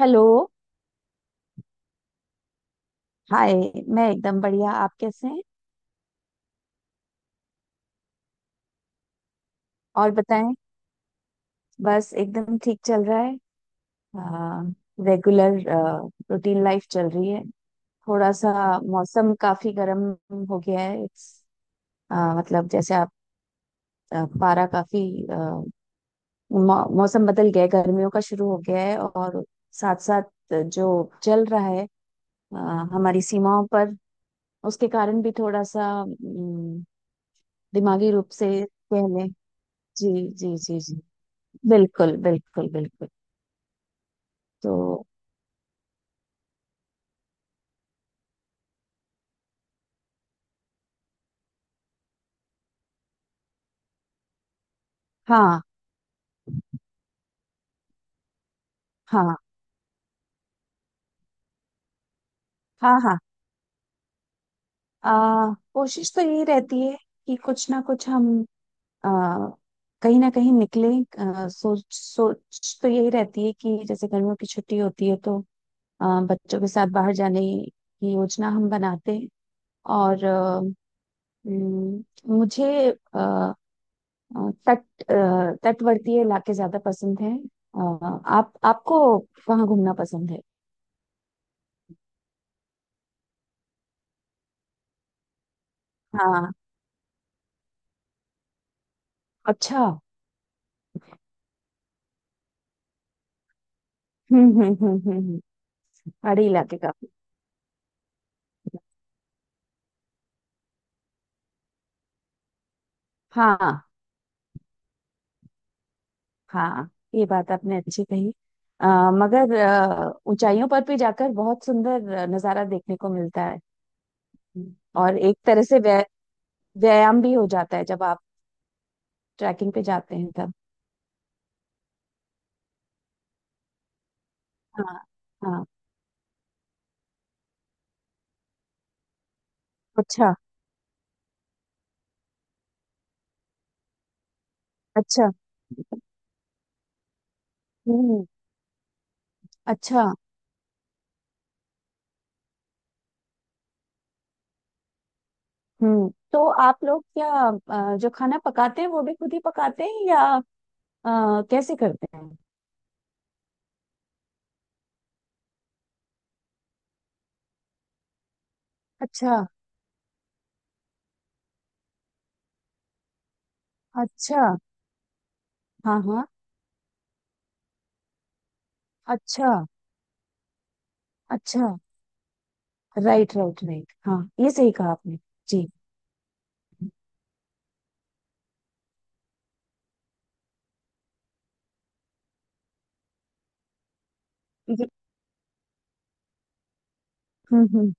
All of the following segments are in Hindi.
हेलो। हाय। मैं एकदम बढ़िया। आप कैसे हैं? और बताएं। बस एकदम ठीक चल रहा है। रेगुलर रूटीन लाइफ चल रही है। थोड़ा सा मौसम काफी गर्म हो गया है। इट्स मतलब जैसे आप, पारा काफी, अ, मौसम बदल गया है, गर्मियों का शुरू हो गया है। और साथ साथ जो चल रहा है अ, हमारी सीमाओं पर, उसके कारण भी थोड़ा सा दिमागी रूप से कह लें। जी, जी, जी, जी। बिल्कुल, बिल्कुल, बिल्कुल। तो। हाँ, हाँ, हाँ, हाँ। कोशिश तो यही रहती है कि कुछ ना कुछ हम आ, कहीं ना कहीं निकले। सोच सोच तो यही रहती है कि जैसे गर्मियों की छुट्टी होती है तो बच्चों के साथ बाहर जाने की योजना हम बनाते हैं। और हम्म, मुझे आ, आ, तट आ, तटवर्ती इलाके ज्यादा पसंद हैं। आ, आप आपको कहाँ घूमना पसंद है? हाँ। अच्छा। हम्म, हम्म, हम्म, पहाड़ी इलाके का। हाँ, हाँ। ये बात आपने अच्छी कही। अ, मगर ऊंचाइयों पर भी जाकर बहुत सुंदर नजारा देखने को मिलता है। हम्म। और एक तरह से व्यायाम भी हो जाता है जब आप ट्रैकिंग पे जाते हैं, तब। हाँ, हाँ। अच्छा। अच्छा। हम्म। अच्छा। हम्म। तो आप लोग क्या, जो खाना पकाते हैं वो भी खुद ही पकाते हैं या कैसे करते हैं? अच्छा। अच्छा। हाँ, हाँ। अच्छा। अच्छा। Right, right, right. हाँ, ये सही कहा आपने। जी। जी। हम्म, हम्म,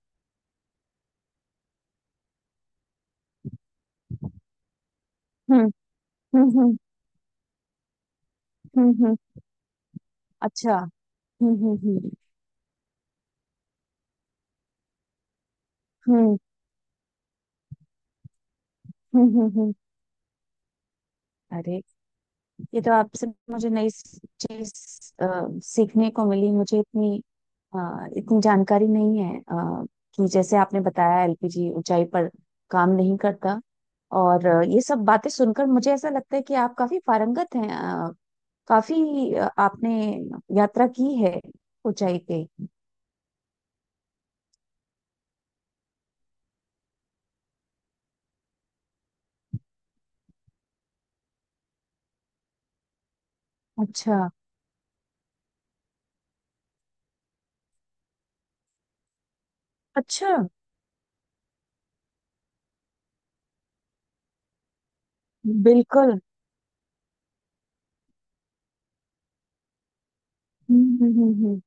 हम्म, हम्म, हम्म, हम्म, हम्म। अच्छा। हम्म, हम्म, हम्म, हम्म, हम्म, हम्म, अरे, ये तो आपसे मुझे नई चीज सीखने को मिली। मुझे इतनी अ, इतनी जानकारी नहीं है कि जैसे आपने बताया, एलपीजी ऊंचाई पर काम नहीं करता। और ये सब बातें सुनकर मुझे ऐसा लगता है कि आप काफी पारंगत हैं, काफी आपने यात्रा की है ऊंचाई पे। अच्छा। अच्छा। बिल्कुल। हम्म, हम्म, हम्म,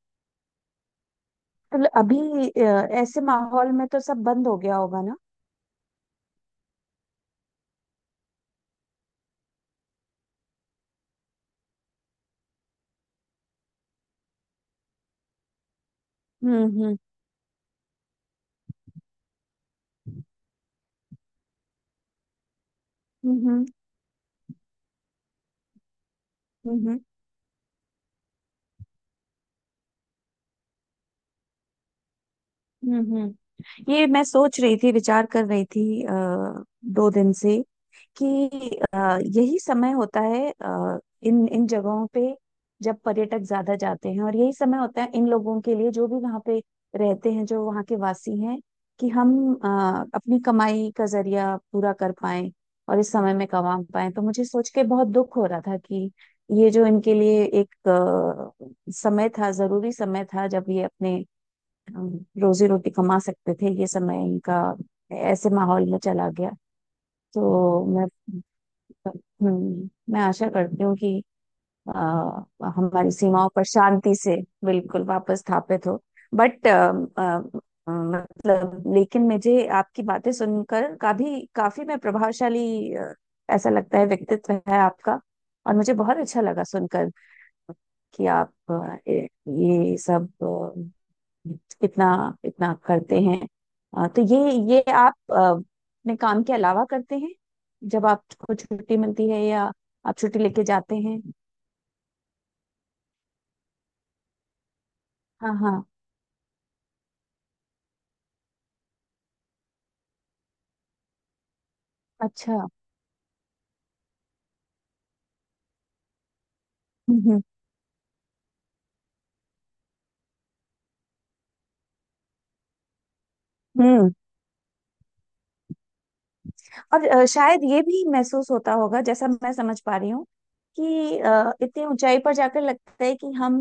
तो अभी ऐसे माहौल में तो सब बंद हो गया होगा ना? हम्म, हम्म, हम्म, हम्म, हम्म, हम्म, ये मैं सोच रही थी, विचार कर रही थी 2 दिन से कि अ, यही समय होता है इन इन जगहों पे, जब पर्यटक ज्यादा जाते हैं। और यही समय होता है इन लोगों के लिए, जो भी वहाँ पे रहते हैं, जो वहाँ के वासी हैं, कि हम अपनी कमाई का जरिया पूरा कर पाए, और इस समय में कमा पाए। तो मुझे सोच के बहुत दुख हो रहा था कि ये जो इनके लिए एक समय था, जरूरी समय था, जब ये अपने रोजी रोटी कमा सकते थे, ये समय इनका ऐसे माहौल में चला गया। तो मैं, मैं आशा करती हूँ कि आ, हमारी सीमाओं पर शांति से बिल्कुल वापस स्थापित हो। बट मतलब, लेकिन मुझे आपकी बातें सुनकर काफी काफी मैं प्रभावशाली, ऐसा लगता है, व्यक्तित्व है आपका। और मुझे बहुत अच्छा लगा सुनकर कि आप ये सब कितना इतना करते हैं। तो ये आप अपने काम के अलावा करते हैं जब आपको छुट्टी मिलती है, या आप छुट्टी लेके जाते हैं? हाँ, हाँ। अच्छा। हम्म, हम्म। और शायद ये भी महसूस होता होगा, जैसा मैं समझ पा रही हूँ, कि इतनी ऊंचाई पर जाकर लगता है कि हम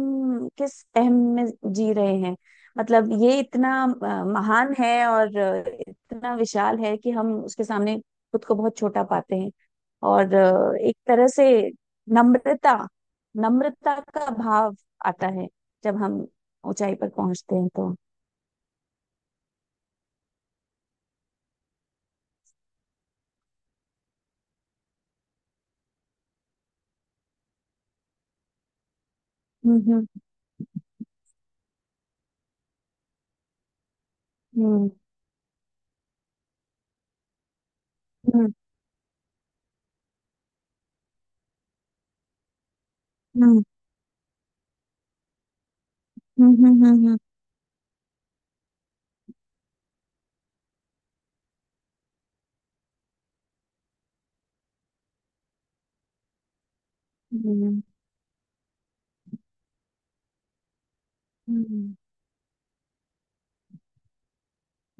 किस अहम में जी रहे हैं। मतलब ये इतना महान है और इतना विशाल है कि हम उसके सामने खुद को बहुत छोटा पाते हैं। और एक तरह से नम्रता, नम्रता का भाव आता है जब हम ऊंचाई पर पहुंचते हैं, तो। हम्म, हम्म, हम्म, हम्म, हम्म, हम्म, हम्म, हम्म, हम्म, हम्म, हम्म,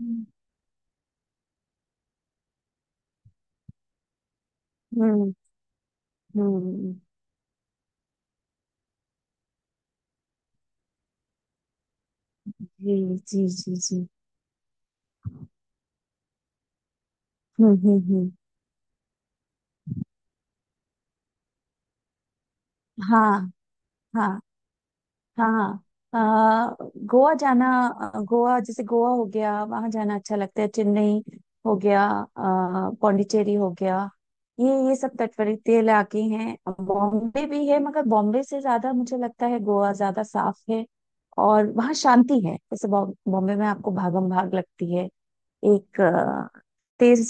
हम्म, हम्म। जी, जी, जी, जी। हम्म, हम्म, हम्म। हाँ, हाँ, हाँ, हाँ। अ, गोवा जाना, गोवा हो गया, वहां जाना अच्छा लगता है। चेन्नई हो गया, पौंडीचेरी हो गया। ये सब तटवर्ती इलाके हैं। बॉम्बे भी है, मगर बॉम्बे से ज्यादा मुझे लगता है गोवा ज्यादा साफ है। और वहाँ शांति है। जैसे बॉम्बे में आपको भागम भाग लगती है, एक तेज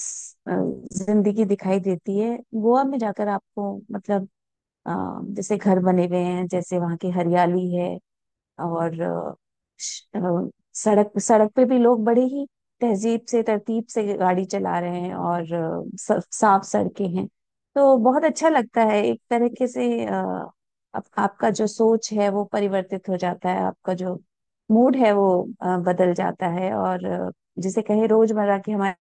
अ, जिंदगी दिखाई देती है। गोवा में जाकर आपको मतलब, अ, जैसे घर बने हुए हैं, जैसे वहाँ की हरियाली है। और श- अ, सड़क सड़क पे भी लोग बड़े ही तहजीब से, तरतीब से गाड़ी चला रहे हैं, और साफ सड़कें हैं। तो बहुत अच्छा लगता है एक तरीके से। आपका जो सोच है वो परिवर्तित हो जाता है, आपका जो मूड है वो बदल जाता है, और जिसे कहे रोजमर्रा की हमारी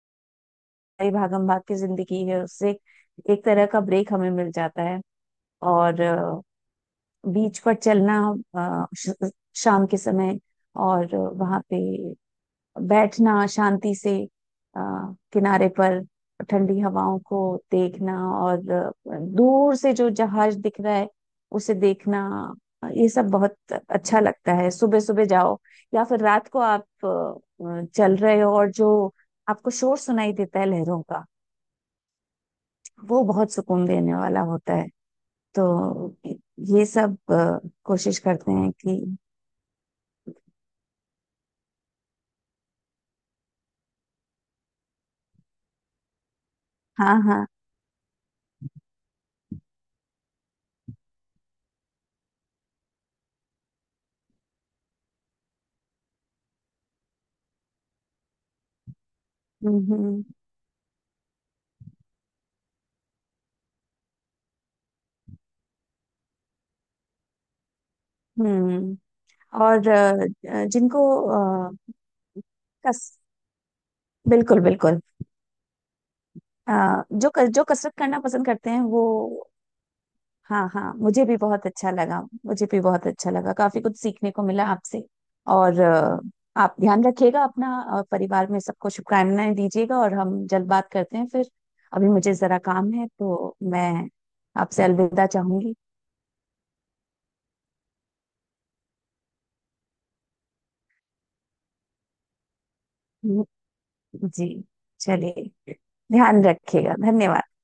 भागम भाग की जिंदगी है, उससे एक तरह का ब्रेक हमें मिल जाता है। और बीच पर चलना अ, श- शाम के समय, और वहां पे बैठना शांति से अ, किनारे पर, ठंडी हवाओं को देखना, और दूर से जो जहाज दिख रहा है उसे देखना, ये सब बहुत अच्छा लगता है। सुबह सुबह जाओ, या फिर रात को आप चल रहे हो, और जो आपको शोर सुनाई देता है लहरों का, वो बहुत सुकून देने वाला होता है। तो ये सब कोशिश करते हैं कि, हाँ, हाँ। हम्म, हम्म, हम्म। और जिनको, अ, कस बिल्कुल, बिल्कुल, अ, जो जो कसरत करना पसंद करते हैं, वो, हाँ, हाँ, मुझे भी बहुत अच्छा लगा। मुझे भी बहुत अच्छा लगा, काफी कुछ सीखने को मिला आपसे। और आप ध्यान रखिएगा अपना, और परिवार में सबको शुभकामनाएं दीजिएगा, और हम जल्द बात करते हैं फिर। अभी मुझे जरा काम है, तो मैं आपसे अलविदा चाहूंगी। जी। चलिए। ध्यान रखिएगा। धन्यवाद।